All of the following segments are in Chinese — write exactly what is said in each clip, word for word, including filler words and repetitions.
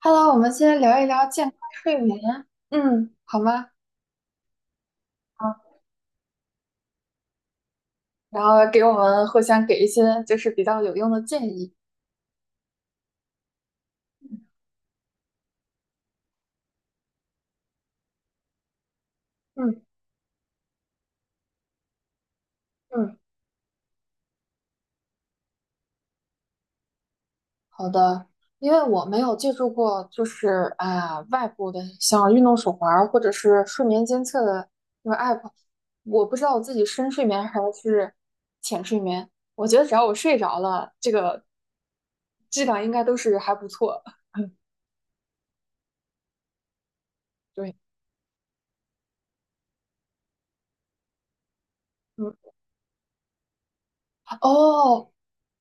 Hello，我们先聊一聊健康睡眠，嗯，好吗？好，然后给我们互相给一些就是比较有用的建议。嗯嗯，好的，因为我没有借助过就是啊、外部的像运动手环儿或者是睡眠监测的那个 A P P，我不知道我自己深睡眠还是浅睡眠。我觉得只要我睡着了，这个质量应该都是还不错。对，嗯。哦，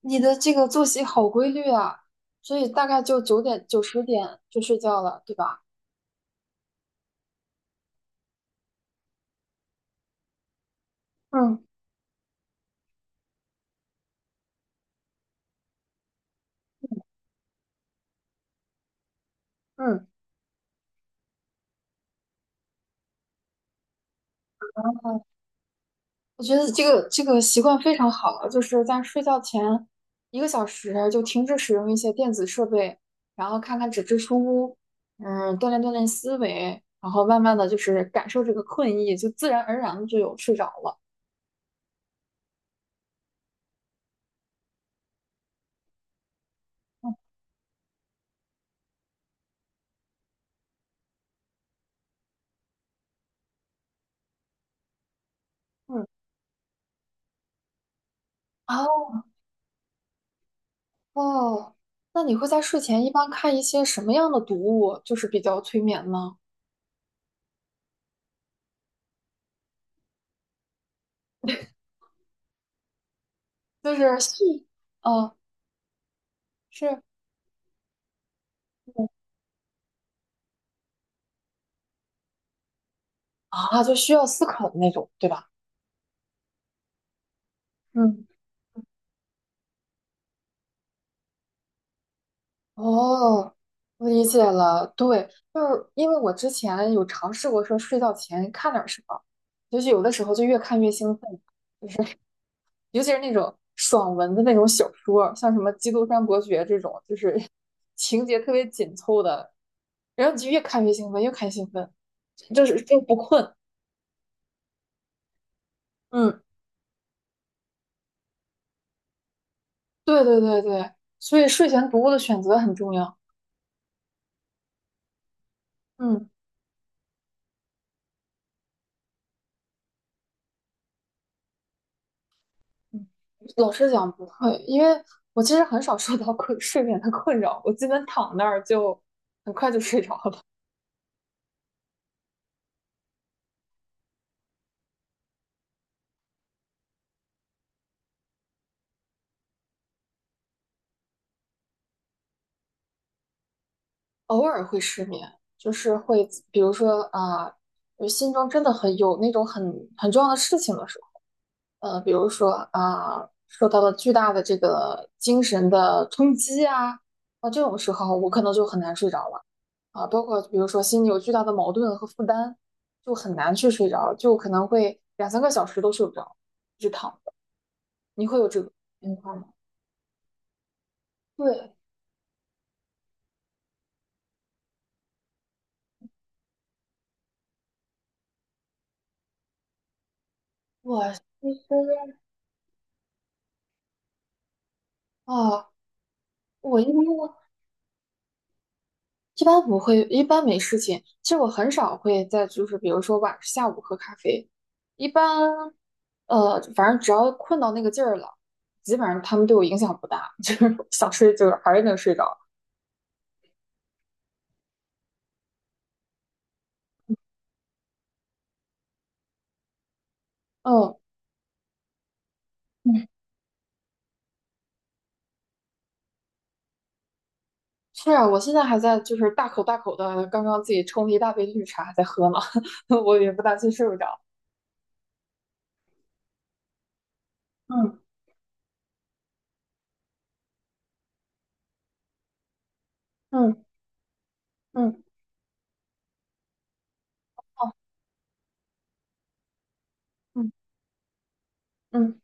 你的这个作息好规律啊，所以大概就九点九、十点就睡觉了，对吧？嗯嗯，我觉得这个这个习惯非常好，就是在睡觉前一个小时就停止使用一些电子设备，然后看看纸质书，嗯，锻炼锻炼思维，然后慢慢的就是感受这个困意，就自然而然的就有睡着了。嗯嗯，哦，那你会在睡前一般看一些什么样的读物，就是比较催眠呢？就是细啊，是，嗯啊，就需要思考的那种，对吧？嗯，哦，我理解了。对，就是因为我之前有尝试过说睡觉前看点儿什么，就是有的时候就越看越兴奋，尤其是那种爽文的那种小说像什么《基督山伯爵》这种，就是 情节特别紧凑的，然后你就越看越兴奋，越看越兴奋，就是就不困。嗯，对对对对，所以睡前读物的选择很重要。嗯。嗯，老实讲不会，因为我其实很少受到困 睡眠的困扰，我基本躺那儿就很快就睡着了。偶尔会失眠，就是会，比如说啊，呃心中真的很有那种很很重要的事情的时候，呃，比如说啊，受到了巨大的这个精神的冲击啊，那这种时候我可能就很难睡着了啊，包括比如说心里有巨大的矛盾和负担，就很难去睡着，就可能会两三个小时都睡不着，一直躺。你会有这个情况吗？对，我其实啊，我一般一般不会，一般没事情。其实我很少会在就是比如说晚下午喝咖啡，一般呃，反正只要困到那个劲儿了，基本上他们对我影响不大，就是想睡就是还是能睡着。嗯嗯，是啊，我现在还在就是大口大口的，刚刚自己冲了一大杯绿茶还在喝呢，我也不担心睡不着。嗯嗯嗯，哦，嗯嗯。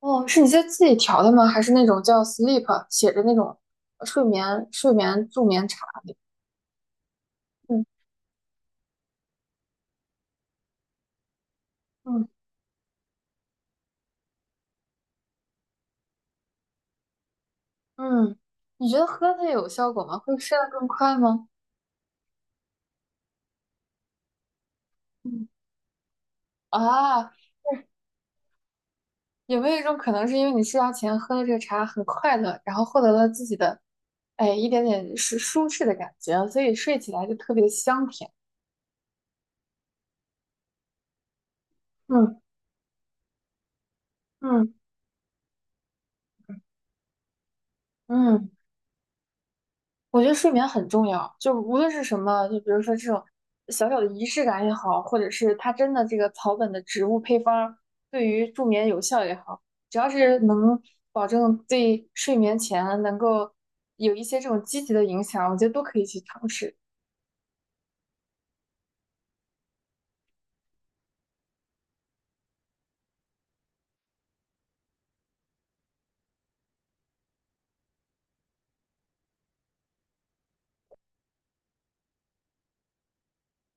哦，是你在自己调的吗？还是那种叫 sleep 写着那种呃睡眠睡眠助眠茶？嗯嗯嗯，你觉得喝它有效果吗？会睡得更快吗？嗯啊，有没有一种可能是因为你睡觉前喝了这个茶很快乐，然后获得了自己的哎一点点是舒适的感觉，所以睡起来就特别的香甜？嗯嗯嗯。我觉得睡眠很重要，就无论是什么，就比如说这种小小的仪式感也好，或者是它真的这个草本的植物配方儿对于助眠有效也好，只要是能保证对睡眠前能够有一些这种积极的影响，我觉得都可以去尝试。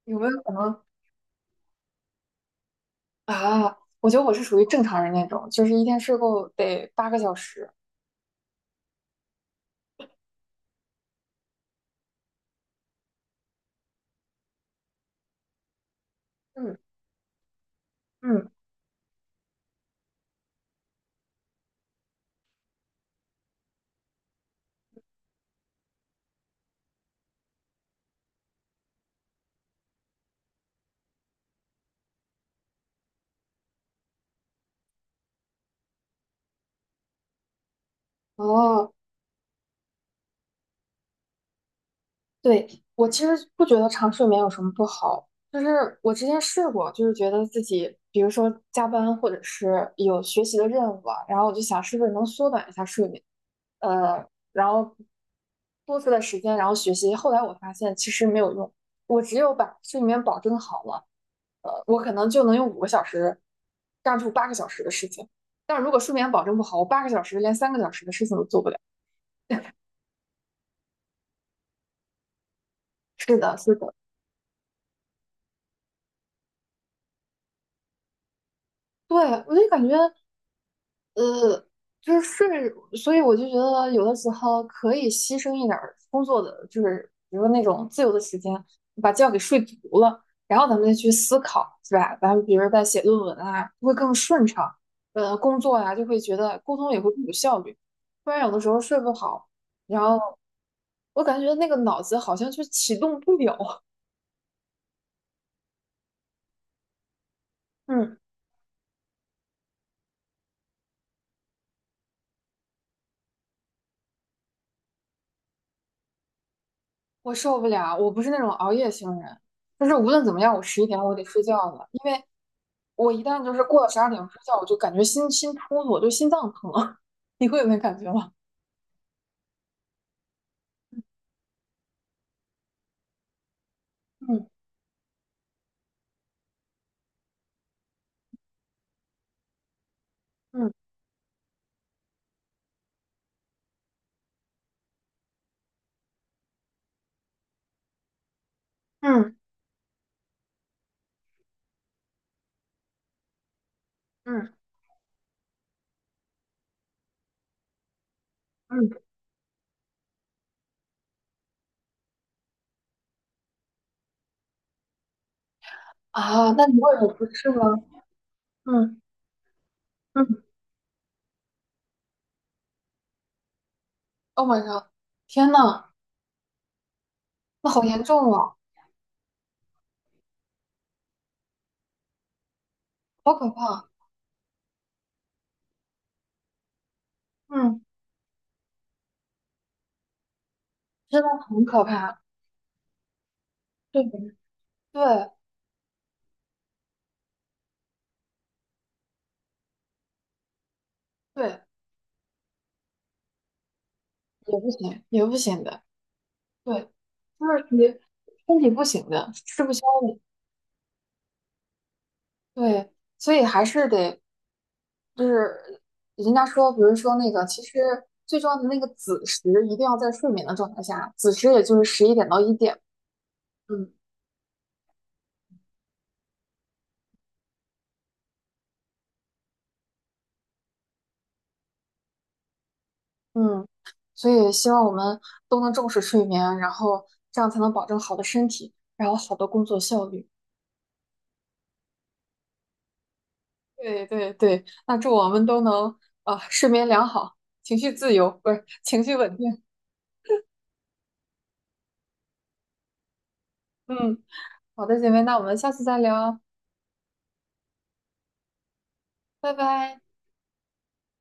有没有可能啊？我觉得我是属于正常人那种，就是一天睡够得八个小时。嗯嗯，哦，对，我其实不觉得长睡眠有什么不好，就是我之前试过，就是觉得自己，比如说加班或者是有学习的任务啊，然后我就想是不是能缩短一下睡眠，呃，然后多出的时间，然后学习。后来我发现其实没有用，我只有把睡眠保证好了，呃，我可能就能用五个小时干出八个小时的事情。但如果睡眠保证不好，我八个小时连三个小时的事情都做不了。是的，是的。对，我就感觉。呃，就是睡，所以我就觉得有的时候可以牺牲一点儿工作的，就是比如说那种自由的时间，把觉给睡足了，然后咱们再去思考，是吧？咱们比如说在写论文啊，会更顺畅，呃，工作呀、就会觉得沟通也会更有效率。不然有的时候睡不好，然后我感觉那个脑子好像就启动不了，嗯，我受不了，我不是那种熬夜型人，但是无论怎么样，我十一点我得睡觉了。我一旦就是过了十二点睡觉，我就感觉心心突突，我就心脏疼。你会有那感觉吗？嗯嗯嗯嗯嗯，啊，那你为什么不吃吗？嗯嗯， o 晚上，天呐，那好严重啊，好可怕，嗯，真的很可怕。对，对对，也不行，也不行的。对，就是你身体不行的，吃不消的。对，所以还是得就是人家说，比如说那个，其实最重要的那个子时一定要在睡眠的状态下，子时也就是十一点到一点。嗯，嗯，所以希望我们都能重视睡眠，然后这样才能保证好的身体，然后好的工作效率。对对对，那祝我们都能啊睡眠良好，情绪自由，不是情绪稳定。嗯，好的，姐妹，那我们下次再聊，拜拜。